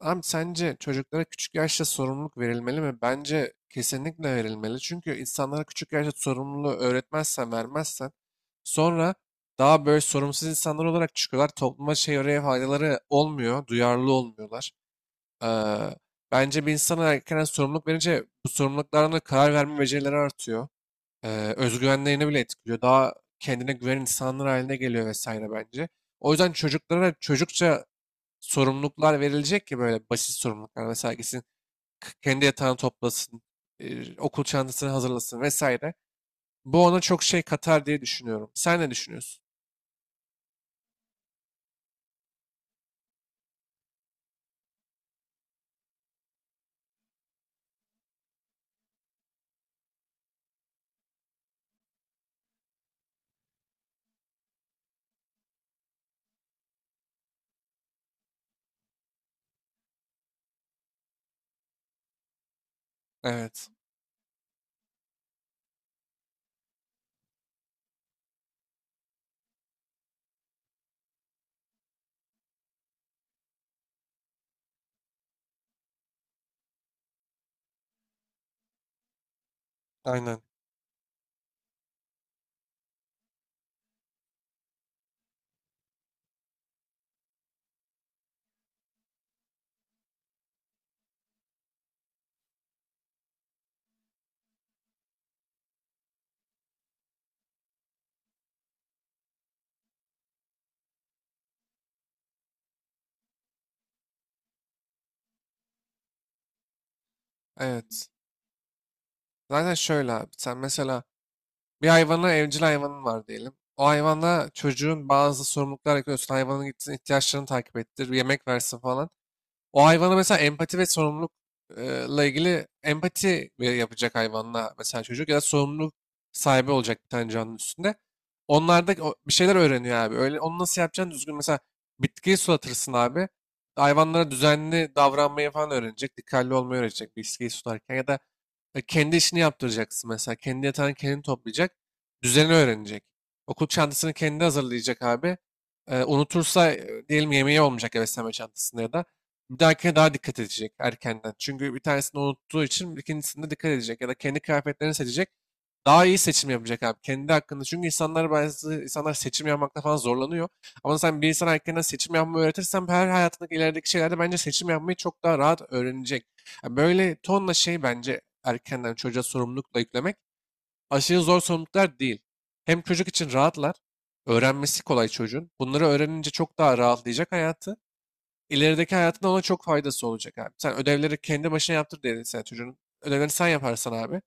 Abi sence çocuklara küçük yaşta sorumluluk verilmeli mi? Bence kesinlikle verilmeli. Çünkü insanlara küçük yaşta sorumluluğu öğretmezsen, vermezsen sonra daha böyle sorumsuz insanlar olarak çıkıyorlar. Topluma şey oraya faydaları olmuyor, duyarlı olmuyorlar. Ee, Bence bir insana erken sorumluluk verince bu sorumluluklarına karar verme becerileri artıyor. Özgüvenlerini bile etkiliyor. Daha kendine güven insanlar haline geliyor vesaire bence. O yüzden çocuklara çocukça sorumluluklar verilecek ki böyle basit sorumluluklar. Mesela gitsin kendi yatağını toplasın, okul çantasını hazırlasın vesaire. Bu ona çok şey katar diye düşünüyorum. Sen ne düşünüyorsun? Evet. Aynen. Evet. Zaten şöyle abi. Sen mesela bir hayvana evcil hayvanın var diyelim. O hayvana çocuğun bazı sorumluluklar yapıyorsun. Hayvanın gitsin ihtiyaçlarını takip ettir, yemek versin falan. O hayvana mesela empati ve sorumlulukla ilgili empati yapacak hayvanla mesela çocuk ya da sorumluluk sahibi olacak bir tane canlı üstünde. Onlarda bir şeyler öğreniyor abi. Öyle onu nasıl yapacaksın düzgün mesela bitkiyi sulatırsın abi. Hayvanlara düzenli davranmayı falan öğrenecek. Dikkatli olmayı öğrenecek bitkiyi sularken ya da kendi işini yaptıracaksın mesela. Kendi yatağını kendi toplayacak. Düzeni öğrenecek. Okul çantasını kendi hazırlayacak abi. Unutursa diyelim yemeği olmayacak ya beslenme çantasında ya da. Bir dahakine daha dikkat edecek erkenden. Çünkü bir tanesini unuttuğu için ikincisinde dikkat edecek. Ya da kendi kıyafetlerini seçecek. Daha iyi seçim yapacak abi. Kendi hakkında. Çünkü insanlar bazı insanlar seçim yapmakta falan zorlanıyor. Ama sen bir insana erkenden seçim yapmayı öğretirsen her hayatındaki ilerideki şeylerde bence seçim yapmayı çok daha rahat öğrenecek. Ya böyle tonla şey bence erkenden çocuğa sorumlulukla yüklemek aşırı zor sorumluluklar değil. Hem çocuk için rahatlar. Öğrenmesi kolay çocuğun. Bunları öğrenince çok daha rahatlayacak hayatı. İlerideki hayatında ona çok faydası olacak abi. Sen ödevleri kendi başına yaptır diye sen çocuğun. Ödevlerini sen yaparsan abi.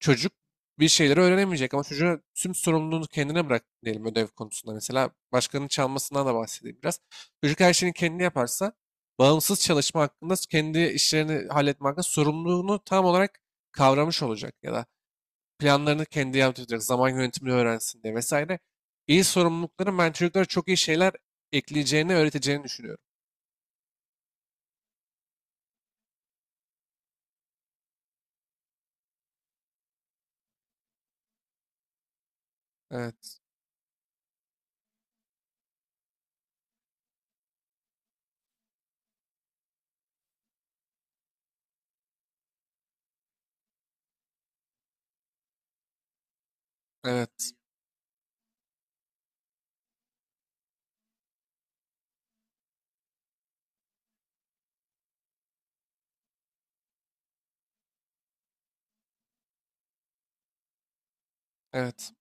Çocuk bir şeyleri öğrenemeyecek ama çocuğa tüm sorumluluğunu kendine bırak diyelim ödev konusunda mesela. Başkanın çalmasından da bahsedeyim biraz. Çocuk her şeyini kendi yaparsa bağımsız çalışma hakkında kendi işlerini halletme hakkında sorumluluğunu tam olarak kavramış olacak ya da planlarını kendi yaptıracak zaman yönetimini öğrensin diye vesaire. İyi sorumlulukların ben çocuklara çok iyi şeyler ekleyeceğini öğreteceğini düşünüyorum. Evet, evet. Evet.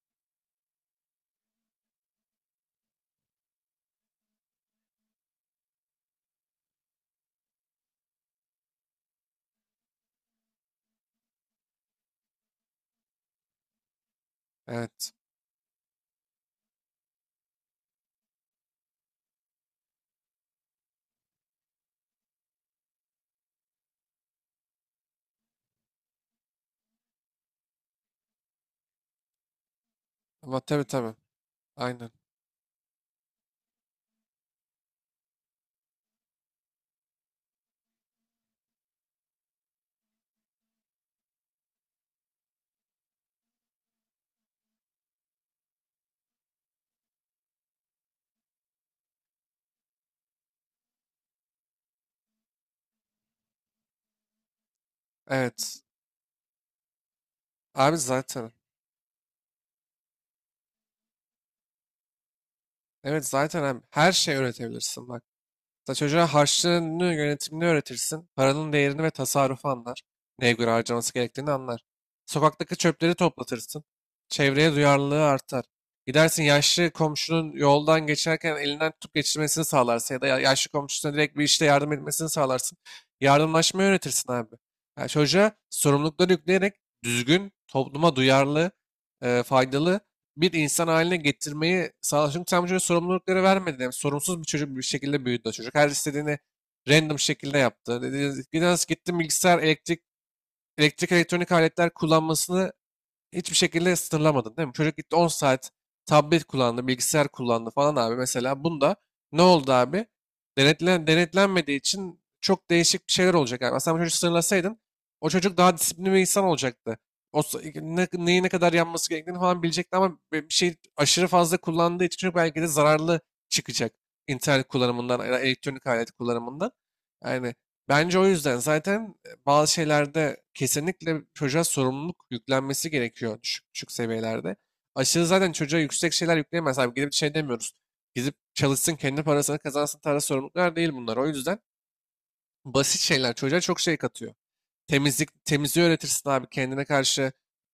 Evet. Ama tabii tabii. Aynen. Evet. Abi zaten. Evet zaten abi her şey üretebilirsin bak. Mesela çocuğa harçlığını yönetimini öğretirsin. Paranın değerini ve tasarrufu anlar. Neye göre harcaması gerektiğini anlar. Sokaktaki çöpleri toplatırsın. Çevreye duyarlılığı artar. Gidersin yaşlı komşunun yoldan geçerken elinden tutup geçirmesini sağlarsın ya da yaşlı komşusuna direkt bir işte yardım etmesini sağlarsın. Yardımlaşmayı öğretirsin abi. Yani çocuğa sorumlulukları yükleyerek düzgün, topluma duyarlı, faydalı bir insan haline getirmeyi sağladı. Çünkü tam bu çocuğa sorumlulukları vermedin. Yani sorumsuz bir çocuk bir şekilde büyüdü o çocuk. Her istediğini random şekilde yaptı. Dedi, biraz gittim bilgisayar, elektrik, elektrik elektronik aletler kullanmasını hiçbir şekilde sınırlamadın değil mi? Çocuk gitti 10 saat tablet kullandı, bilgisayar kullandı falan abi. Mesela bunda ne oldu abi? Denetlenmediği için çok değişik bir şeyler olacak abi. Aslında bu çocuğu sınırlasaydın o çocuk daha disiplinli bir insan olacaktı. Neyi ne kadar yanması gerektiğini falan bilecekti ama bir şey aşırı fazla kullandığı için çocuk belki de zararlı çıkacak. İnternet kullanımından, ya da elektronik alet kullanımından. Yani bence o yüzden zaten bazı şeylerde kesinlikle çocuğa sorumluluk yüklenmesi gerekiyor düşük seviyelerde. Aşırı zaten çocuğa yüksek şeyler yükleyemez abi. Gidip şey demiyoruz. Gidip çalışsın kendi parasını kazansın tarz sorumluluklar değil bunlar. O yüzden basit şeyler çocuğa çok şey katıyor. Temizliği öğretirsin abi. Kendine karşı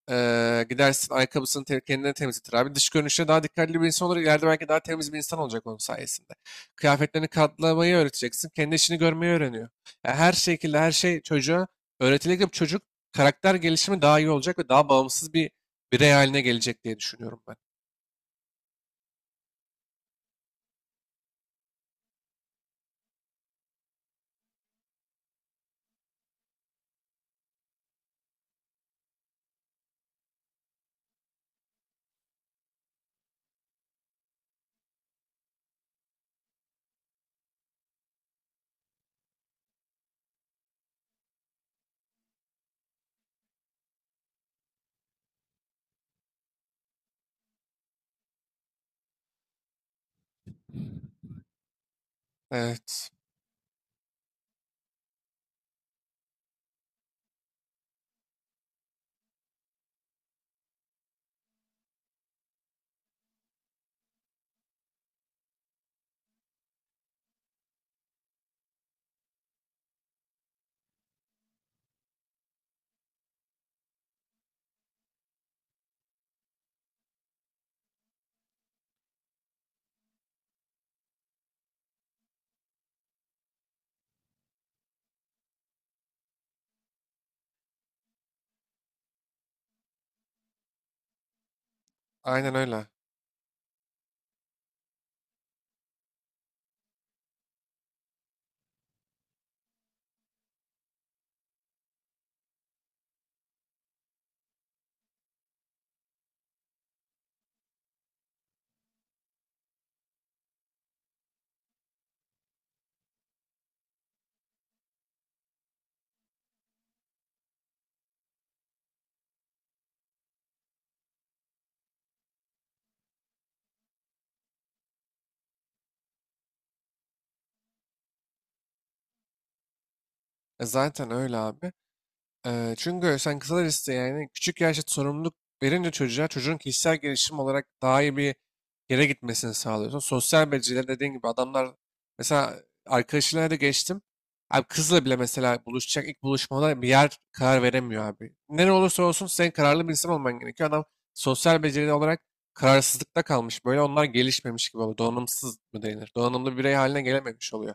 gidersin. Ayakkabısını kendine temizletir abi. Dış görünüşe daha dikkatli bir insan olarak ileride belki daha temiz bir insan olacak onun sayesinde. Kıyafetlerini katlamayı öğreteceksin. Kendi işini görmeyi öğreniyor. Yani her şekilde her şey çocuğa öğretilecek bir çocuk karakter gelişimi daha iyi olacak ve daha bağımsız bir birey haline gelecek diye düşünüyorum ben. Evet. Aynen öyle. E zaten öyle abi. Çünkü sen kısa liste yani küçük yaşta sorumluluk verince çocuğa çocuğun kişisel gelişim olarak daha iyi bir yere gitmesini sağlıyorsun. Sosyal beceriler dediğin gibi adamlar mesela arkadaşlarına da geçtim. Abi kızla bile mesela buluşacak ilk buluşmada bir yer karar veremiyor abi. Ne olursa olsun sen kararlı bir insan olman gerekiyor. Adam sosyal beceri olarak kararsızlıkta kalmış. Böyle onlar gelişmemiş gibi oluyor. Donanımsız mı denir? Donanımlı birey haline gelememiş oluyor.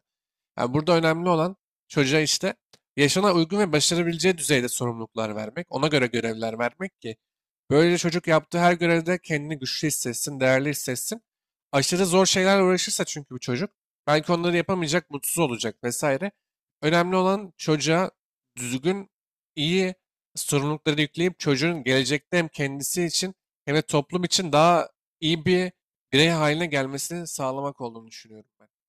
Yani burada önemli olan çocuğa işte yaşına uygun ve başarabileceği düzeyde sorumluluklar vermek, ona göre görevler vermek ki böylece çocuk yaptığı her görevde kendini güçlü hissetsin, değerli hissetsin. Aşırı zor şeylerle uğraşırsa çünkü bu çocuk belki onları yapamayacak, mutsuz olacak vesaire. Önemli olan çocuğa düzgün, iyi sorumlulukları yükleyip çocuğun gelecekte hem kendisi için hem de toplum için daha iyi bir birey haline gelmesini sağlamak olduğunu düşünüyorum ben.